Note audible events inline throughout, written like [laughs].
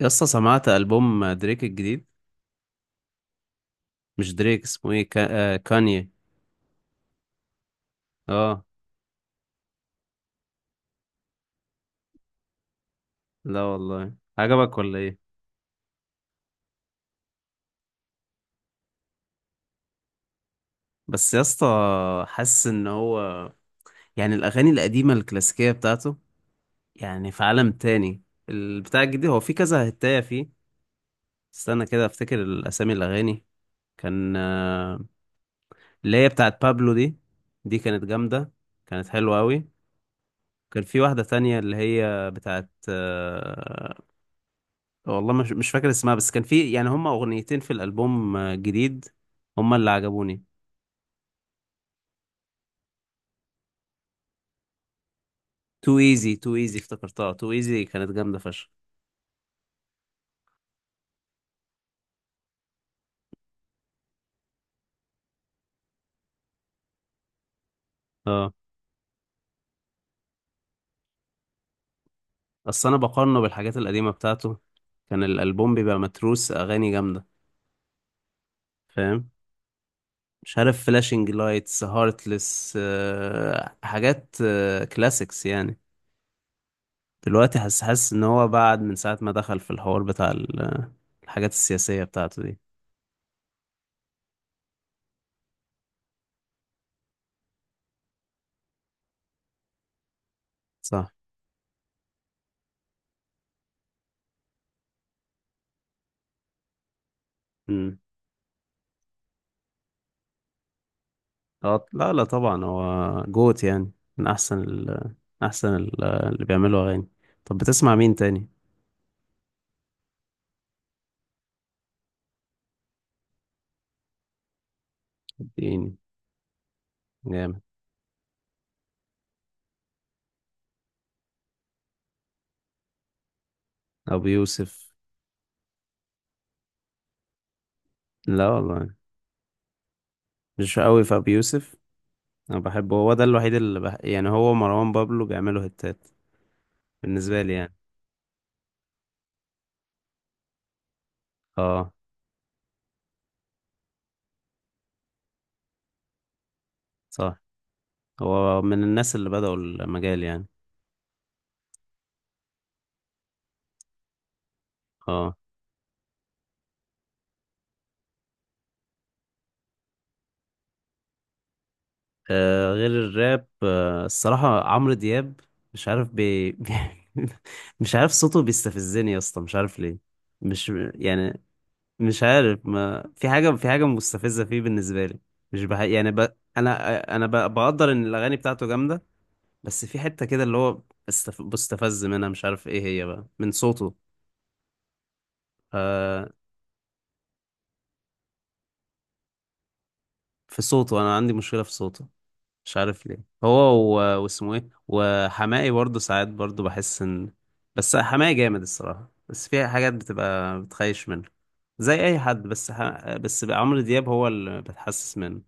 يسطا، سمعت ألبوم دريك الجديد؟ مش دريك، اسمه ايه، كا... آه كانيه. اه. لا والله، عجبك ولا ايه؟ بس يسطا، حاسس ان هو يعني الأغاني القديمة الكلاسيكية بتاعته، يعني في عالم تاني. البتاع الجديد هو في كذا هتاية فيه. استنى كده افتكر الأسامي الأغاني. كان، اللي هي بتاعت بابلو، دي دي كانت جامدة، كانت حلوة أوي. كان في واحدة تانية اللي هي بتاعت، والله مش فاكر اسمها، بس كان في يعني هما اغنيتين في الالبوم جديد. هما اللي عجبوني. تو ايزي، تو ايزي، افتكرتها تو ايزي، كانت جامده فشخ. اه. اصل انا بقارنه بالحاجات القديمه بتاعته، كان الالبوم بيبقى متروس اغاني جامده. فاهم. مش عارف، فلاشنج لايتس، هارتلس، حاجات كلاسيكس يعني. دلوقتي حاسس ان هو بعد من ساعه ما دخل في الحوار بتاع الحاجات السياسيه بتاعته دي. صح. مم. اه، لا، لا، طبعا هو جوت يعني، من احسن ال اللي بيعملوا اغاني. طب بتسمع مين تاني؟ يعني جامد. ابو يوسف. لا والله، مش قوي في ابو يوسف. انا بحبه، هو ده الوحيد اللي يعني هو مروان بابلو بيعملوا هتات بالنسبه لي يعني. اه، صح، هو من الناس اللي بدأوا المجال يعني. اه. غير الراب، الصراحه عمرو دياب، مش عارف. [laughs] مش عارف صوته بيستفزني يا اسطى، مش عارف ليه. مش يعني مش عارف، ما في حاجة، في حاجة مستفزة فيه بالنسبة لي. مش يعني أنا بقدر إن الأغاني بتاعته جامدة، بس في حتة كده اللي هو بستفز منها، مش عارف إيه هي بقى من صوته. آه... في صوته، أنا عندي مشكلة في صوته، مش عارف ليه. هو و... واسمه إيه، وحماقي برضه ساعات برضه بحس إن، بس حماقي جامد الصراحة، بس في حاجات بتبقى بتخيش منه زي أي حد، بس بس عمرو دياب هو اللي بتحسس منه.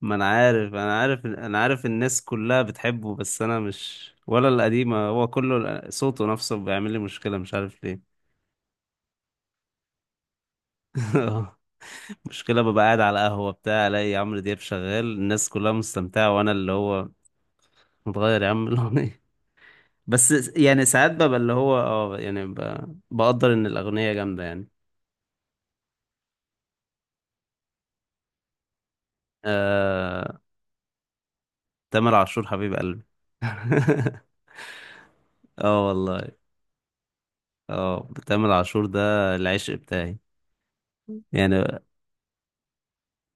ما انا عارف، الناس كلها بتحبه، بس انا مش، ولا القديمة، هو كله صوته نفسه بيعمل لي مشكلة، مش عارف ليه. [laughs] مشكلة، ببقى قاعد على قهوة بتاع، الاقي عمرو دياب شغال، الناس كلها مستمتعة وانا اللي هو، متغير يا عم الاغنية. [laughs] بس، يعني ساعات ببقى اللي هو اه يعني بقدر ان الاغنية جامدة يعني. آه... تامر عاشور، حبيب قلبي. [laughs] اه والله، اه تامر عاشور ده العشق بتاعي. يعني،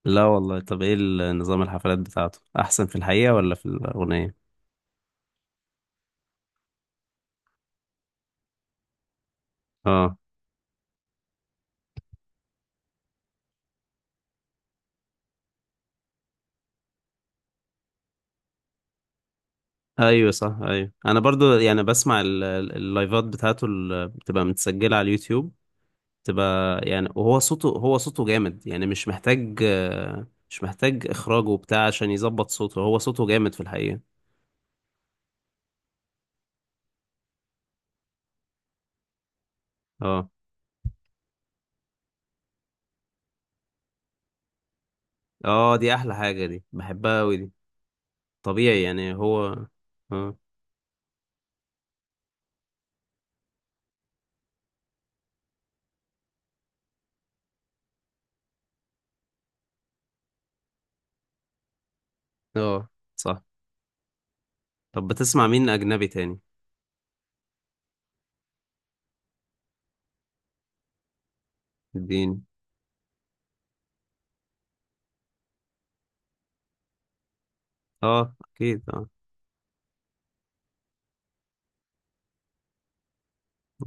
لا والله، طب ايه نظام الحفلات بتاعته احسن في الحقيقة ولا في الأغنية؟ اه، ايوه صح، ايوه، انا برضو يعني بسمع اللايفات بتاعته اللي بتبقى متسجلة على اليوتيوب، بتبقى يعني، وهو صوته، هو صوته جامد يعني، مش محتاج اخراجه وبتاع عشان يظبط صوته، هو صوته جامد في الحقيقة. اه، اه دي احلى حاجة، دي بحبها قوي دي، طبيعي يعني هو. اه، اه صح. طب بتسمع مين اجنبي تاني؟ الدين، اه اكيد اه،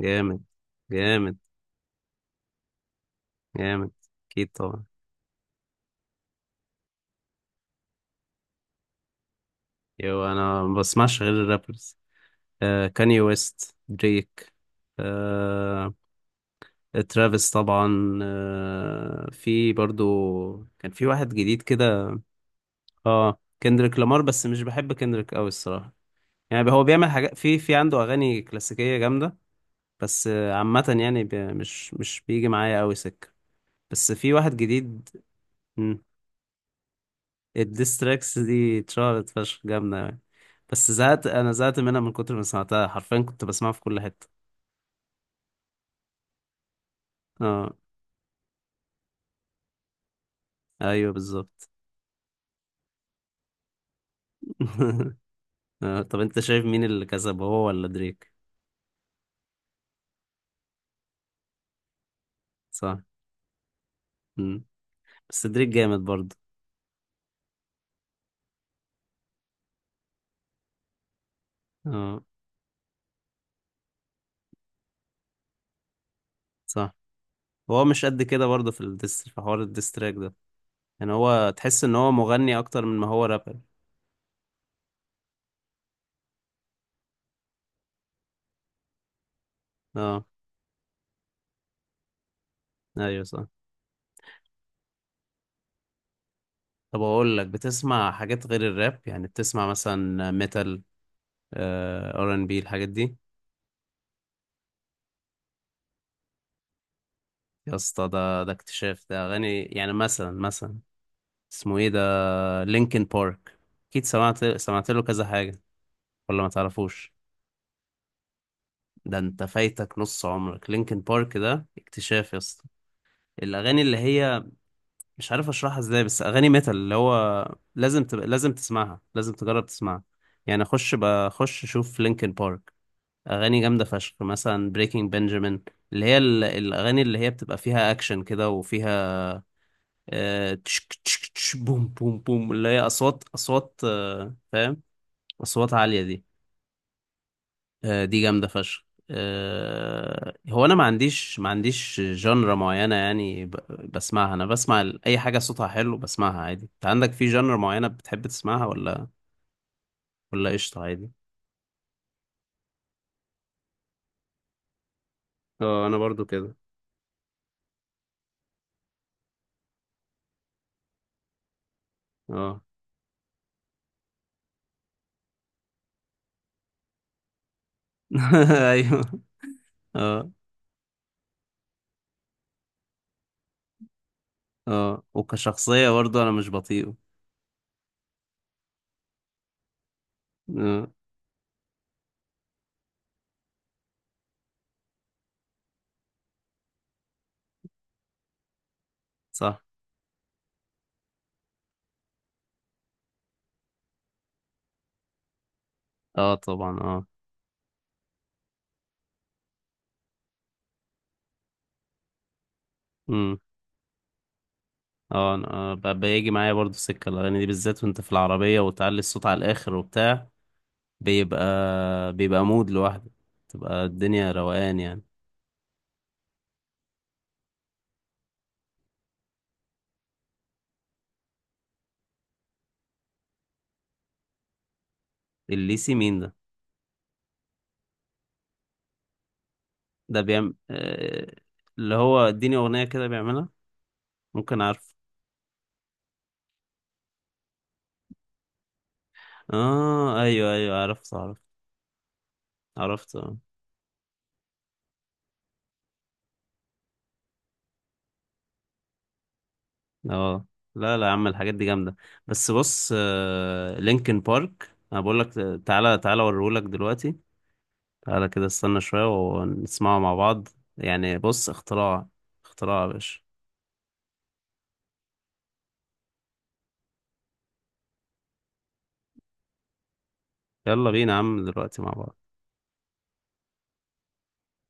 جامد، جامد، جامد. اكيد طبعا، يو، انا ما بسمعش غير الرابرز، كاني ويست، دريك، آه ترافيس طبعا، في برضو، كان في واحد جديد كده. اه، كندريك لامار بس مش بحب كندريك قوي الصراحة، يعني هو بيعمل حاجات في، عنده اغاني كلاسيكية جامدة، بس عامة يعني مش بيجي معايا قوي سكة، بس في واحد جديد. مم. الديستراكس دي اتشهرت فشخ، جامدة يعني، بس زهقت، أنا زهقت منها من كتر ما سمعتها، حرفيا كنت بسمعها في كل حتة. اه أيوه بالظبط. [laughs] طب أنت شايف مين اللي كسب، هو ولا دريك؟ صح. مم. بس دريك جامد برضه. اه صح، هو مش قد كده برضه، في في حوار الديستراك ده، يعني هو تحس إن هو مغني أكتر من ما هو رابر. اه أيوه صح. طب أقول لك، بتسمع حاجات غير الراب، يعني بتسمع مثلا ميتال، R&B الحاجات دي؟ يا اسطى، ده اكتشاف، ده اغاني يعني مثلا اسمه ايه ده، لينكن بارك، اكيد سمعت له كذا حاجه، ولا ما تعرفوش؟ ده انت فايتك نص عمرك، لينكن بارك ده اكتشاف يا اسطى. الاغاني اللي هي، مش عارف اشرحها ازاي، بس اغاني ميتال اللي هو لازم تسمعها، لازم تجرب تسمعها، يعني اخش بخش اشوف لينكن بارك. اغاني جامده فشخ، مثلا بريكنج بنجامين، اللي هي الاغاني اللي هي بتبقى فيها اكشن كده وفيها، تشك تشك تش، بوم بوم بوم، اللي هي اصوات، اصوات، فاهم؟ اصوات عاليه دي، دي جامده فشخ. هو انا ما عنديش جنرا معينه، يعني بسمعها، انا بسمع اي حاجه صوتها حلو بسمعها عادي، انت عندك في جنرا معينه بتحب تسمعها، ولا ولا قشطه عادي؟ اه انا برضو كده. اه. [laughs] ايوه. اه. اه وكشخصيه برضو انا مش بطيئه. آه، صح. اه طبعا اه. اه انا بيجي معايا برضو سكة الأغاني دي بالذات، وانت في العربية وتعلي الصوت على الآخر وبتاع، بيبقى بيبقى مود لوحده، تبقى الدنيا روقان يعني. الليسي مين ده؟ ده بيعمل، اللي هو، اديني أغنية كده بيعملها، ممكن عارف؟ اه ايوه، ايوه، عرفت، عرفت، عرفت اه. آه. لا، لا يا عم، الحاجات دي جامدة، بس بص، لينكن بارك انا بقول لك، تعالى، تعالى اوريهولك دلوقتي، تعالى كده استنى شوية ونسمعه مع بعض، يعني بص اختراع، اختراع يا باشا. يلا بينا يا عم، دلوقتي مع بعض.